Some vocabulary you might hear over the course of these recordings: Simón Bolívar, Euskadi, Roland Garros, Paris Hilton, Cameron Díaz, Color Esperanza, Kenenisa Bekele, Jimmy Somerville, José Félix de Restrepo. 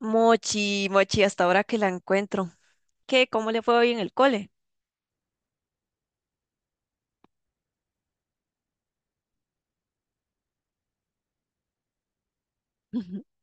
Mochi, Mochi, hasta ahora que la encuentro. ¿Qué? ¿Cómo le fue hoy en el cole?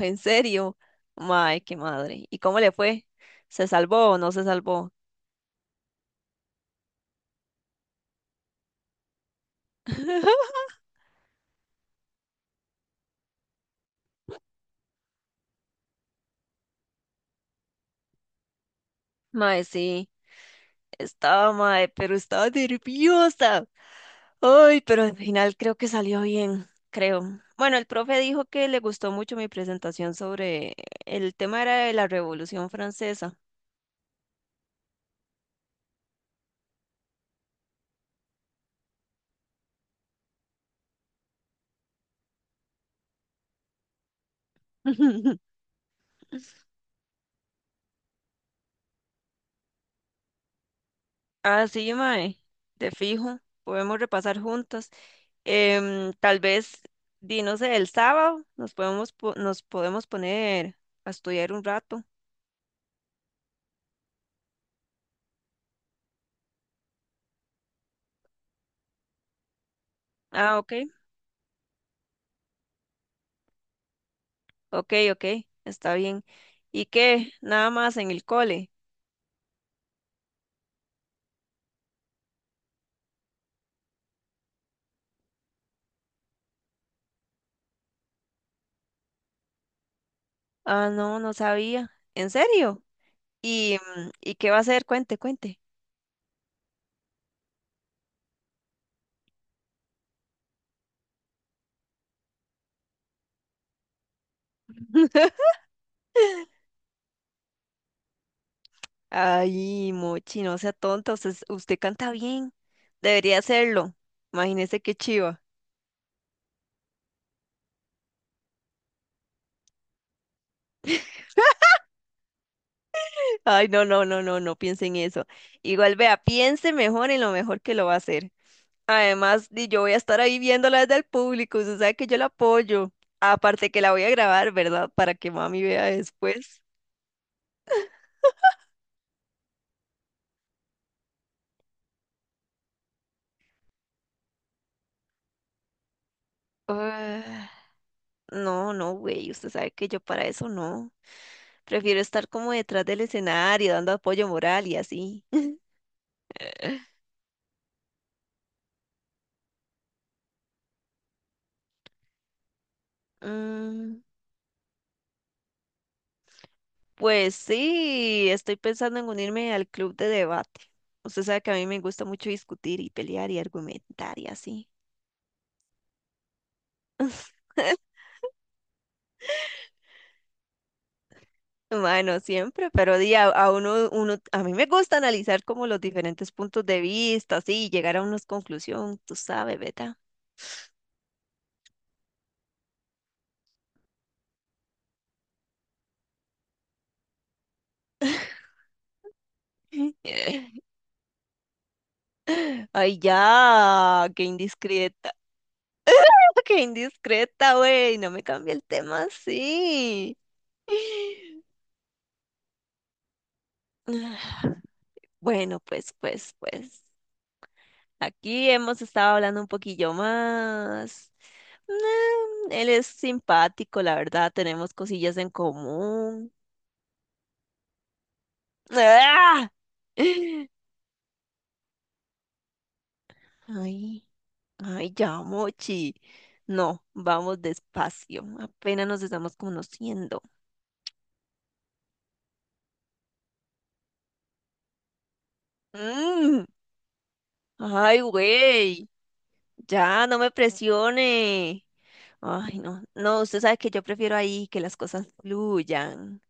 ¿En serio? Mae, qué madre. ¿Y cómo le fue? ¿Se salvó o no se salvó? Mae, sí, estaba mae, pero estaba nerviosa. Ay, pero al final creo que salió bien, creo. Bueno, el profe dijo que le gustó mucho mi presentación sobre el tema era de la Revolución Francesa. Ah, sí, mae, te fijo, podemos repasar juntas. Tal vez, di, no sé, el sábado nos podemos, nos podemos poner a estudiar un rato. Ah, ok, ok, ok, está bien. ¿Y qué? Nada más en el cole. Ah, no, no sabía. ¿En serio? ¿Y, y qué va a hacer? Cuente, cuente. Ay, Mochi, no sea tonta, usted, usted canta bien. Debería hacerlo. Imagínese qué chiva. Ay, no, no, no, no, no piense en eso. Igual vea, piense mejor en lo mejor que lo va a hacer. Además, di, yo voy a estar ahí viéndola desde el público, usted sabe que yo la apoyo. Aparte que la voy a grabar, ¿verdad? Para que mami vea después. Ah, no, no, güey, usted sabe que yo para eso no. Prefiero estar como detrás del escenario, dando apoyo moral y así. Mm, pues sí, estoy pensando en unirme al club de debate. Usted sabe que a mí me gusta mucho discutir y pelear y argumentar y así. Bueno, siempre, pero di, a uno, uno, a mí me gusta analizar como los diferentes puntos de vista, así, y llegar a una conclusión, tú sabes, ¿verdad? Ay, ya, qué indiscreta, qué indiscreta, güey, no me cambie el tema así. Bueno, pues, aquí hemos estado hablando un poquillo más. Mm, él es simpático, la verdad, tenemos cosillas en común. ¡Ah! Ay, ya, Mochi. No, vamos despacio. Apenas nos estamos conociendo. Mm, ay, güey. Ya, no me presione. Ay, no. No, usted sabe que yo prefiero ahí que las cosas fluyan.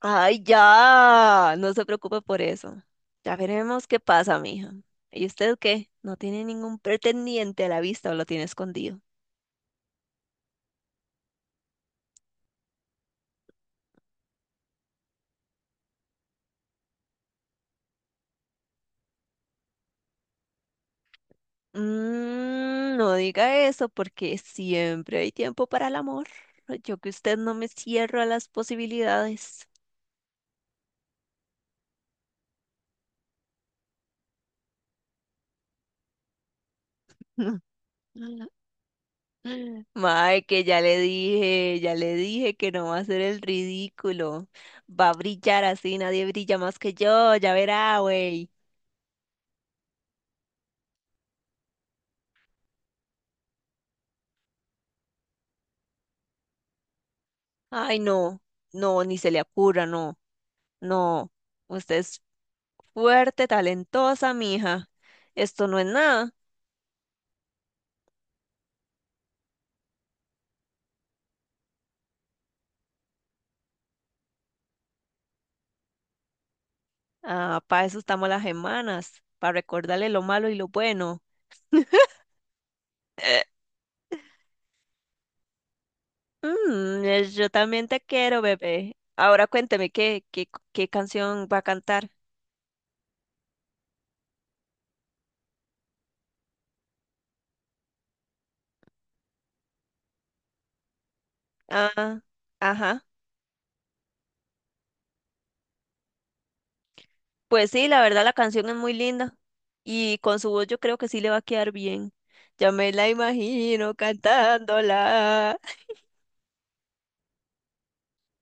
Ay, ya. No se preocupe por eso. Ya veremos qué pasa, mija. ¿Y usted qué? ¿No tiene ningún pretendiente a la vista o lo tiene escondido? Mm, no diga eso porque siempre hay tiempo para el amor. Yo que usted no me cierro a las posibilidades. Mae, que ya le dije que no va a ser el ridículo. Va a brillar así, nadie brilla más que yo, ya verá, güey. Ay, no, no, ni se le ocurra, no, no. Usted es fuerte, talentosa, mija. Esto no es nada. Ah, para eso estamos las hermanas, para recordarle lo malo y lo bueno. Eh, yo también te quiero, bebé. Ahora cuénteme qué canción va a cantar. Ah, ajá. Pues sí, la verdad la canción es muy linda y con su voz yo creo que sí le va a quedar bien. Ya me la imagino cantándola.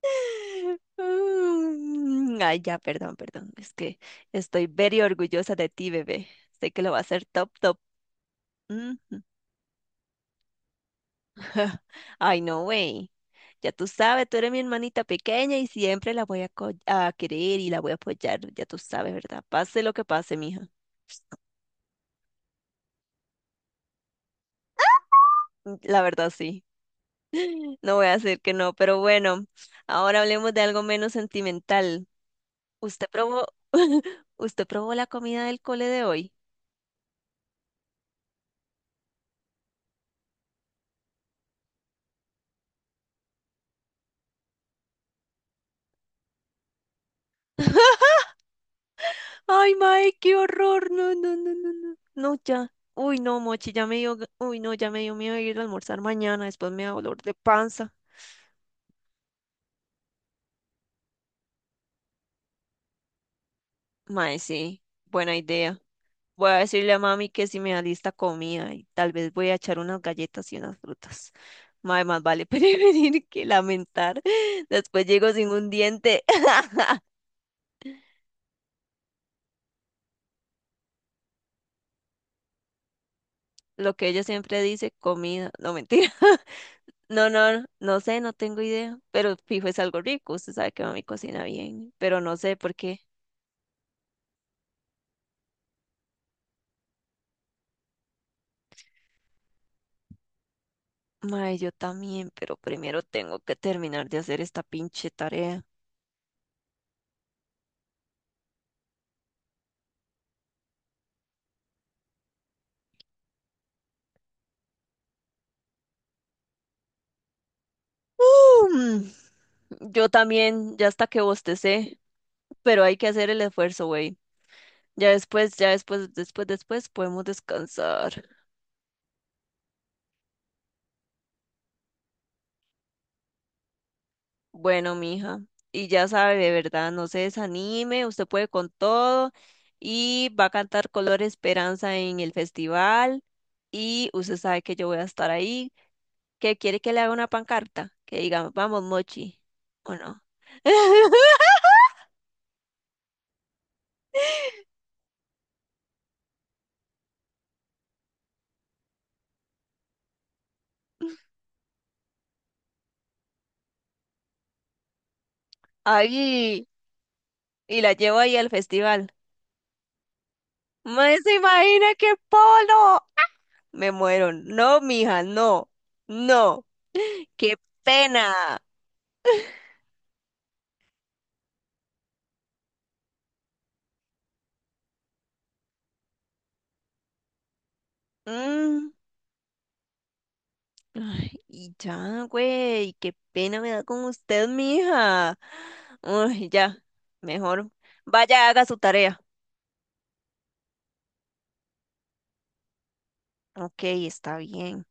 Ay, ya, perdón, perdón. Es que estoy very orgullosa de ti, bebé. Sé que lo va a hacer top, top. Ay, no, güey. Ya tú sabes, tú eres mi hermanita pequeña y siempre la voy a, a querer y la voy a apoyar. Ya tú sabes, ¿verdad? Pase lo que pase, mija. La verdad, sí. No voy a hacer que no, pero bueno, ahora hablemos de algo menos sentimental. ¿Usted probó, usted probó la comida del cole de hoy? Ay, mae, qué horror. No, no, no, no, no. No, ya. Uy, no, Mochi, ya me dio, uy, no, ya me dio miedo ir a almorzar mañana, después me da dolor de panza. Mae, sí, buena idea. Voy a decirle a mami que si me da lista comida y tal vez voy a echar unas galletas y unas frutas. Mae, más vale prevenir que lamentar. Después llego sin un diente. Lo que ella siempre dice, comida. No, mentira. No, no, no sé, no tengo idea. Pero fijo es algo rico. Usted sabe que mami cocina bien. Pero no sé por qué. Mae, yo también, pero primero tengo que terminar de hacer esta pinche tarea. Mm, yo también, ya hasta que bostecé, pero hay que hacer el esfuerzo, güey. Ya después, después podemos descansar. Bueno, mija, y ya sabe, de verdad, no se desanime, usted puede con todo y va a cantar Color Esperanza en el festival y usted sabe que yo voy a estar ahí. ¿Qué quiere que le haga una pancarta? Que diga, vamos, Mochi, ¿o no? Ay, y la llevo ahí al festival. ¿Me se imagina qué polo? Me muero. No, mija, no, no. ¡Qué pena! Mm, ay, y ya, güey, qué pena me da con usted, mija. Uy, ya, mejor vaya, haga su tarea. Ok, está bien.